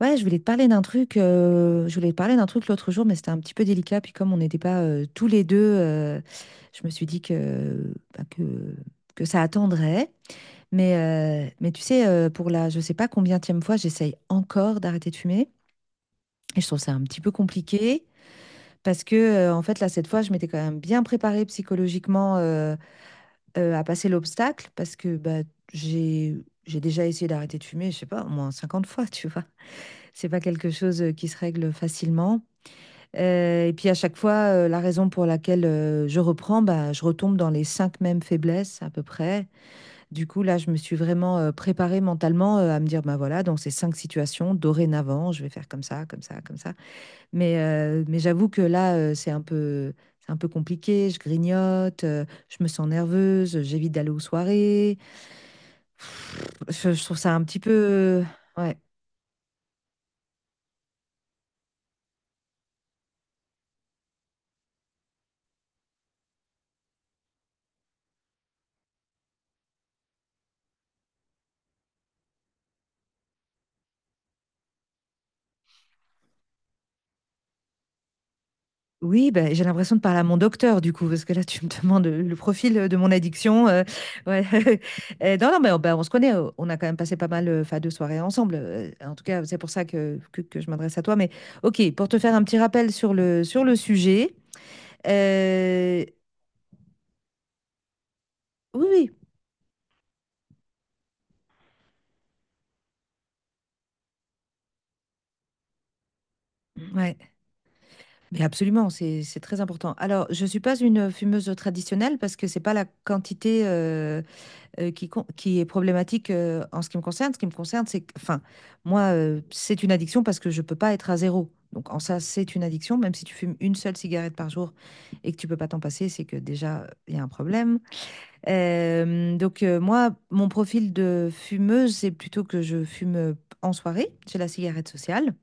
Ouais, je voulais te parler d'un truc l'autre jour, mais c'était un petit peu délicat. Puis comme on n'était pas tous les deux, je me suis dit que, bah, que ça attendrait. Mais, mais, tu sais, pour la je sais pas combienième fois, j'essaye encore d'arrêter de fumer. Et je trouve ça un petit peu compliqué parce que, en fait, là, cette fois, je m'étais quand même bien préparée psychologiquement à passer l'obstacle parce que bah, j'ai, j'ai déjà essayé d'arrêter de fumer, je sais pas, au moins 50 fois, tu vois. C'est pas quelque chose qui se règle facilement. Et puis à chaque fois, la raison pour laquelle je reprends, bah, je retombe dans les cinq mêmes faiblesses à peu près. Du coup, là, je me suis vraiment préparée mentalement à me dire, bah voilà, dans ces cinq situations, dorénavant, je vais faire comme ça, comme ça, comme ça. Mais, j'avoue que là, c'est un peu compliqué. Je grignote, je me sens nerveuse, j'évite d'aller aux soirées. Pff, je trouve ça un petit peu, ouais. Oui, bah, j'ai l'impression de parler à mon docteur du coup, parce que là tu me demandes, le profil, de mon addiction, ouais. Non, non, mais on bah, on se connaît, on a quand même passé pas mal, enfin, de soirées ensemble, en tout cas, c'est pour ça que je m'adresse à toi. Mais OK, pour te faire un petit rappel sur le sujet, heu, oui, oui, ouais, mais absolument, c'est très important. Alors, je ne suis pas une fumeuse traditionnelle parce que c'est pas la quantité, qui est problématique en ce qui me concerne. Ce qui me concerne, c'est que, enfin, moi, c'est une addiction parce que je peux pas être à zéro. Donc, en ça, c'est une addiction. Même si tu fumes une seule cigarette par jour et que tu peux pas t'en passer, c'est que déjà, il y a un problème. Donc, moi, mon profil de fumeuse, c'est plutôt que je fume en soirée. J'ai la cigarette sociale.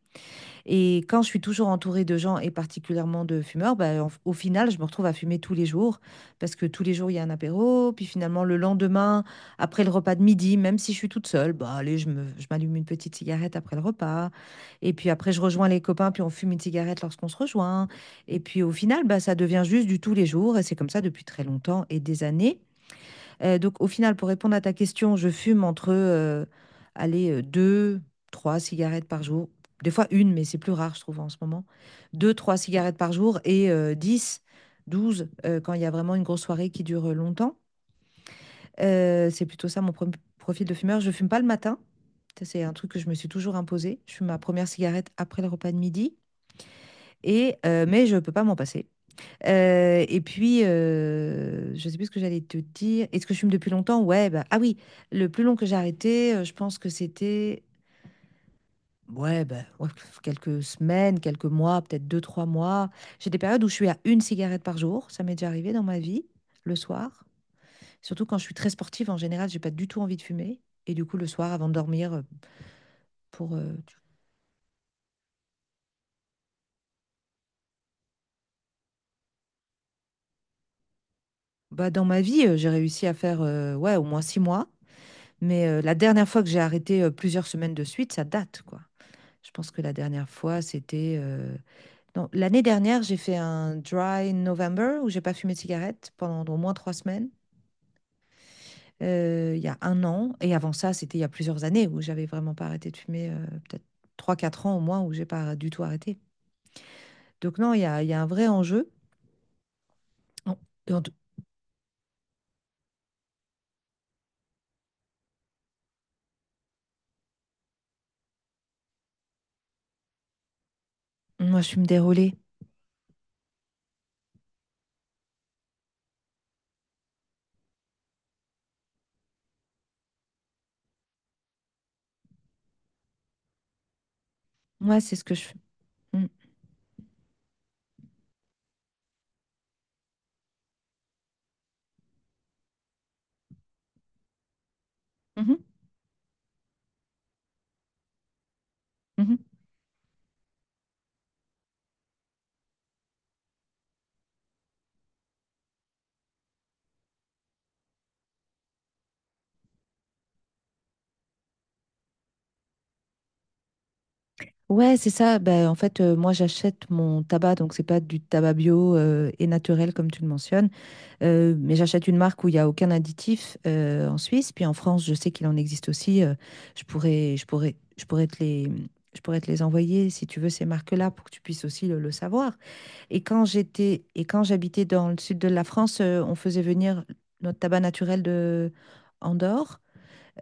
Et quand je suis toujours entourée de gens et particulièrement de fumeurs, bah, au final, je me retrouve à fumer tous les jours parce que tous les jours, il y a un apéro. Puis finalement, le lendemain, après le repas de midi, même si je suis toute seule, bah, allez, je m'allume une petite cigarette après le repas. Et puis après, je rejoins les copains, puis on fume une cigarette lorsqu'on se rejoint. Et puis au final, bah, ça devient juste du tous les jours. Et c'est comme ça depuis très longtemps et des années. Donc, au final, pour répondre à ta question, je fume entre, allez, deux, trois cigarettes par jour. Des fois une, mais c'est plus rare, je trouve, en ce moment. Deux, trois cigarettes par jour et 10, 12 quand il y a vraiment une grosse soirée qui dure longtemps. C'est plutôt ça mon profil de fumeur. Je fume pas le matin. Ça, c'est un truc que je me suis toujours imposé. Je fume ma première cigarette après le repas de midi. Et, mais je peux pas m'en passer. Et puis, je sais plus ce que j'allais te dire. Est-ce que je fume depuis longtemps? Ouais, bah, ah oui, le plus long que j'ai arrêté, je pense que c'était ouais, bah, ouais, quelques semaines, quelques mois, peut-être deux, trois mois. J'ai des périodes où je suis à une cigarette par jour. Ça m'est déjà arrivé dans ma vie, le soir. Surtout quand je suis très sportive, en général, j'ai pas du tout envie de fumer. Et du coup, le soir, avant de dormir, pour euh, tu- bah, dans ma vie, j'ai réussi à faire ouais, au moins 6 mois. Mais la dernière fois que j'ai arrêté plusieurs semaines de suite, ça date, quoi. Je pense que la dernière fois, c'était non, l'année dernière, j'ai fait un dry November où j'ai pas fumé de cigarette pendant au moins 3 semaines, il y a un an. Et avant ça, c'était il y a plusieurs années où j'avais vraiment pas arrêté de fumer, peut-être trois, quatre ans au moins, où j'ai pas du tout arrêté. Donc non, il y a un vrai enjeu. Oh, donc, moi, je suis me déroulée. Moi, c'est ce que je fais. Mm. Mhm. Mhm. Ouais, c'est ça. Ben, en fait, moi, j'achète mon tabac, donc c'est pas du tabac bio et naturel comme tu le mentionnes. Mais j'achète une marque où il n'y a aucun additif en Suisse. Puis en France, je sais qu'il en existe aussi. Je pourrais te les envoyer si tu veux ces marques-là pour que tu puisses aussi le savoir. Et quand j'habitais dans le sud de la France, on faisait venir notre tabac naturel de Andorre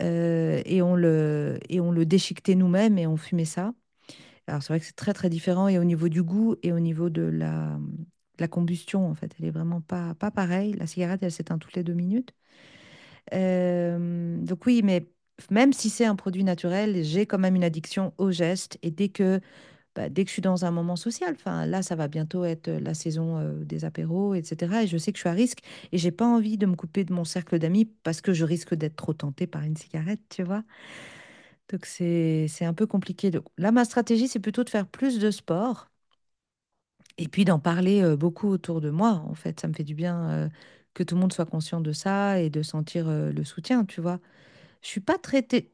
et on le déchiquetait nous-mêmes et on fumait ça. Alors, c'est vrai que c'est très, très différent. Et au niveau du goût et au niveau de de la combustion, en fait, elle est vraiment pas, pas pareille. La cigarette, elle s'éteint toutes les 2 minutes. Donc, oui, mais même si c'est un produit naturel, j'ai quand même une addiction au geste. Et bah, dès que je suis dans un moment social, enfin, là, ça va bientôt être la saison des apéros, etc. Et je sais que je suis à risque et j'ai pas envie de me couper de mon cercle d'amis parce que je risque d'être trop tentée par une cigarette, tu vois. Donc, c'est un peu compliqué. Donc, là, ma stratégie, c'est plutôt de faire plus de sport et puis d'en parler beaucoup autour de moi, en fait, ça me fait du bien que tout le monde soit conscient de ça et de sentir le soutien, tu vois. Je suis pas traitée.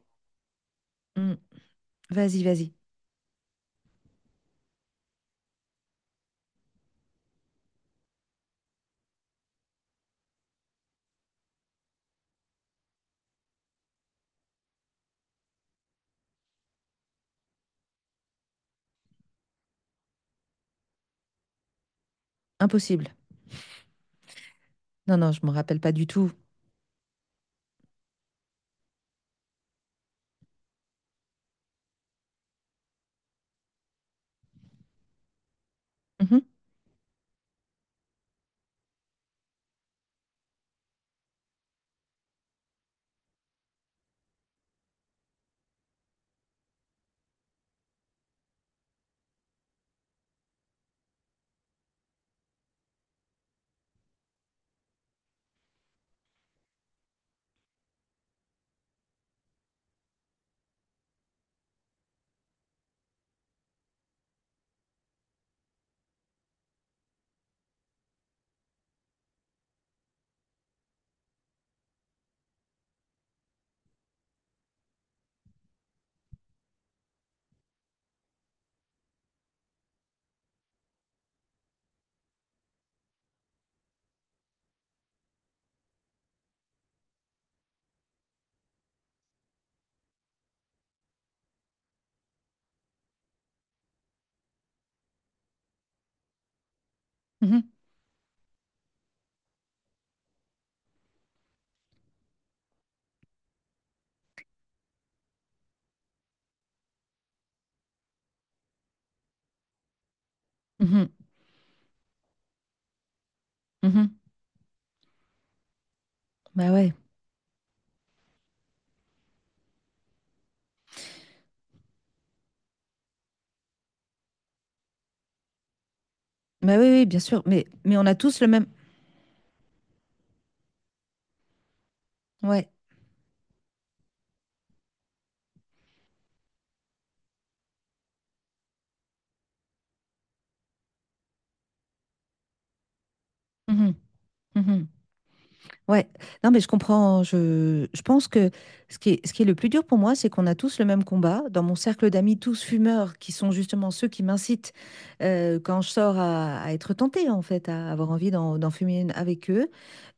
Hmm. Vas-y, vas-y. Impossible. Non, non, je me rappelle pas du tout. Mhm, mhm, mhm. Mhm. Bah ouais. Bah oui, oui, bien sûr. Mais, on a tous le même. Ouais. Mhm. Mhm. Ouais. Non, mais je comprends. Je pense que ce qui est le plus dur pour moi, c'est qu'on a tous le même combat. Dans mon cercle d'amis, tous fumeurs, qui sont justement ceux qui m'incitent quand je sors à être tentée, en fait, à avoir envie d'en fumer une avec eux.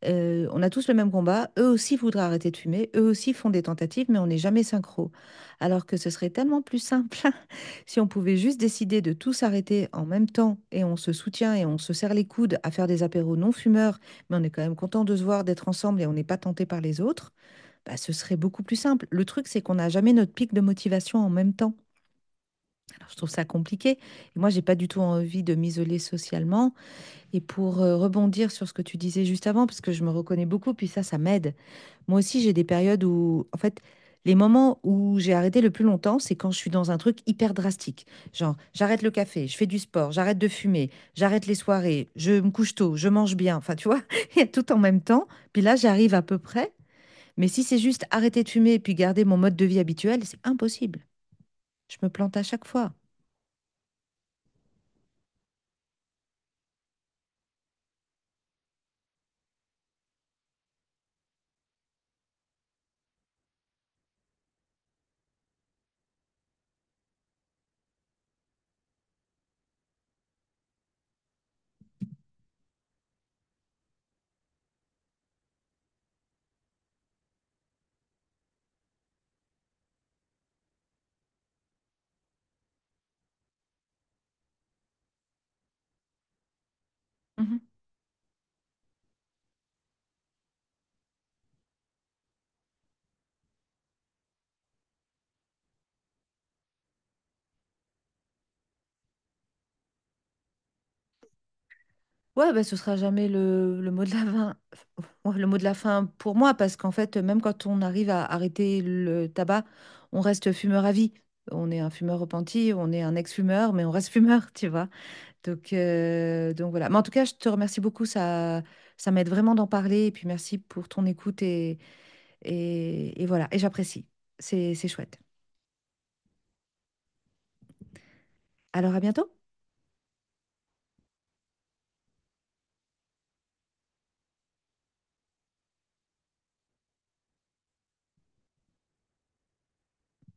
On a tous le même combat. Eux aussi voudraient arrêter de fumer. Eux aussi font des tentatives, mais on n'est jamais synchro. Alors que ce serait tellement plus simple si on pouvait juste décider de tous arrêter en même temps et on se soutient et on se serre les coudes à faire des apéros non fumeurs, mais on est quand même content de se voir, d'être ensemble et on n'est pas tenté par les autres. Bah, ce serait beaucoup plus simple. Le truc, c'est qu'on n'a jamais notre pic de motivation en même temps. Alors, je trouve ça compliqué. Et moi, j'ai pas du tout envie de m'isoler socialement. Et pour rebondir sur ce que tu disais juste avant, parce que je me reconnais beaucoup, puis ça m'aide. Moi aussi, j'ai des périodes où, en fait, les moments où j'ai arrêté le plus longtemps, c'est quand je suis dans un truc hyper drastique. Genre, j'arrête le café, je fais du sport, j'arrête de fumer, j'arrête les soirées, je me couche tôt, je mange bien. Enfin, tu vois, il y a tout en même temps. Puis là, j'arrive à peu près. Mais si c'est juste arrêter de fumer et puis garder mon mode de vie habituel, c'est impossible. Je me plante à chaque fois. Mhm. Ouais, bah, ce sera jamais le mot de la fin, ouais, le mot de la fin pour moi, parce qu'en fait, même quand on arrive à arrêter le tabac, on reste fumeur à vie. On est un fumeur repenti, on est un ex-fumeur, mais on reste fumeur, tu vois. Donc, voilà. Mais en tout cas, je te remercie beaucoup, ça m'aide vraiment d'en parler, et puis merci pour ton écoute, et voilà, et j'apprécie. C'est chouette. Alors, à bientôt.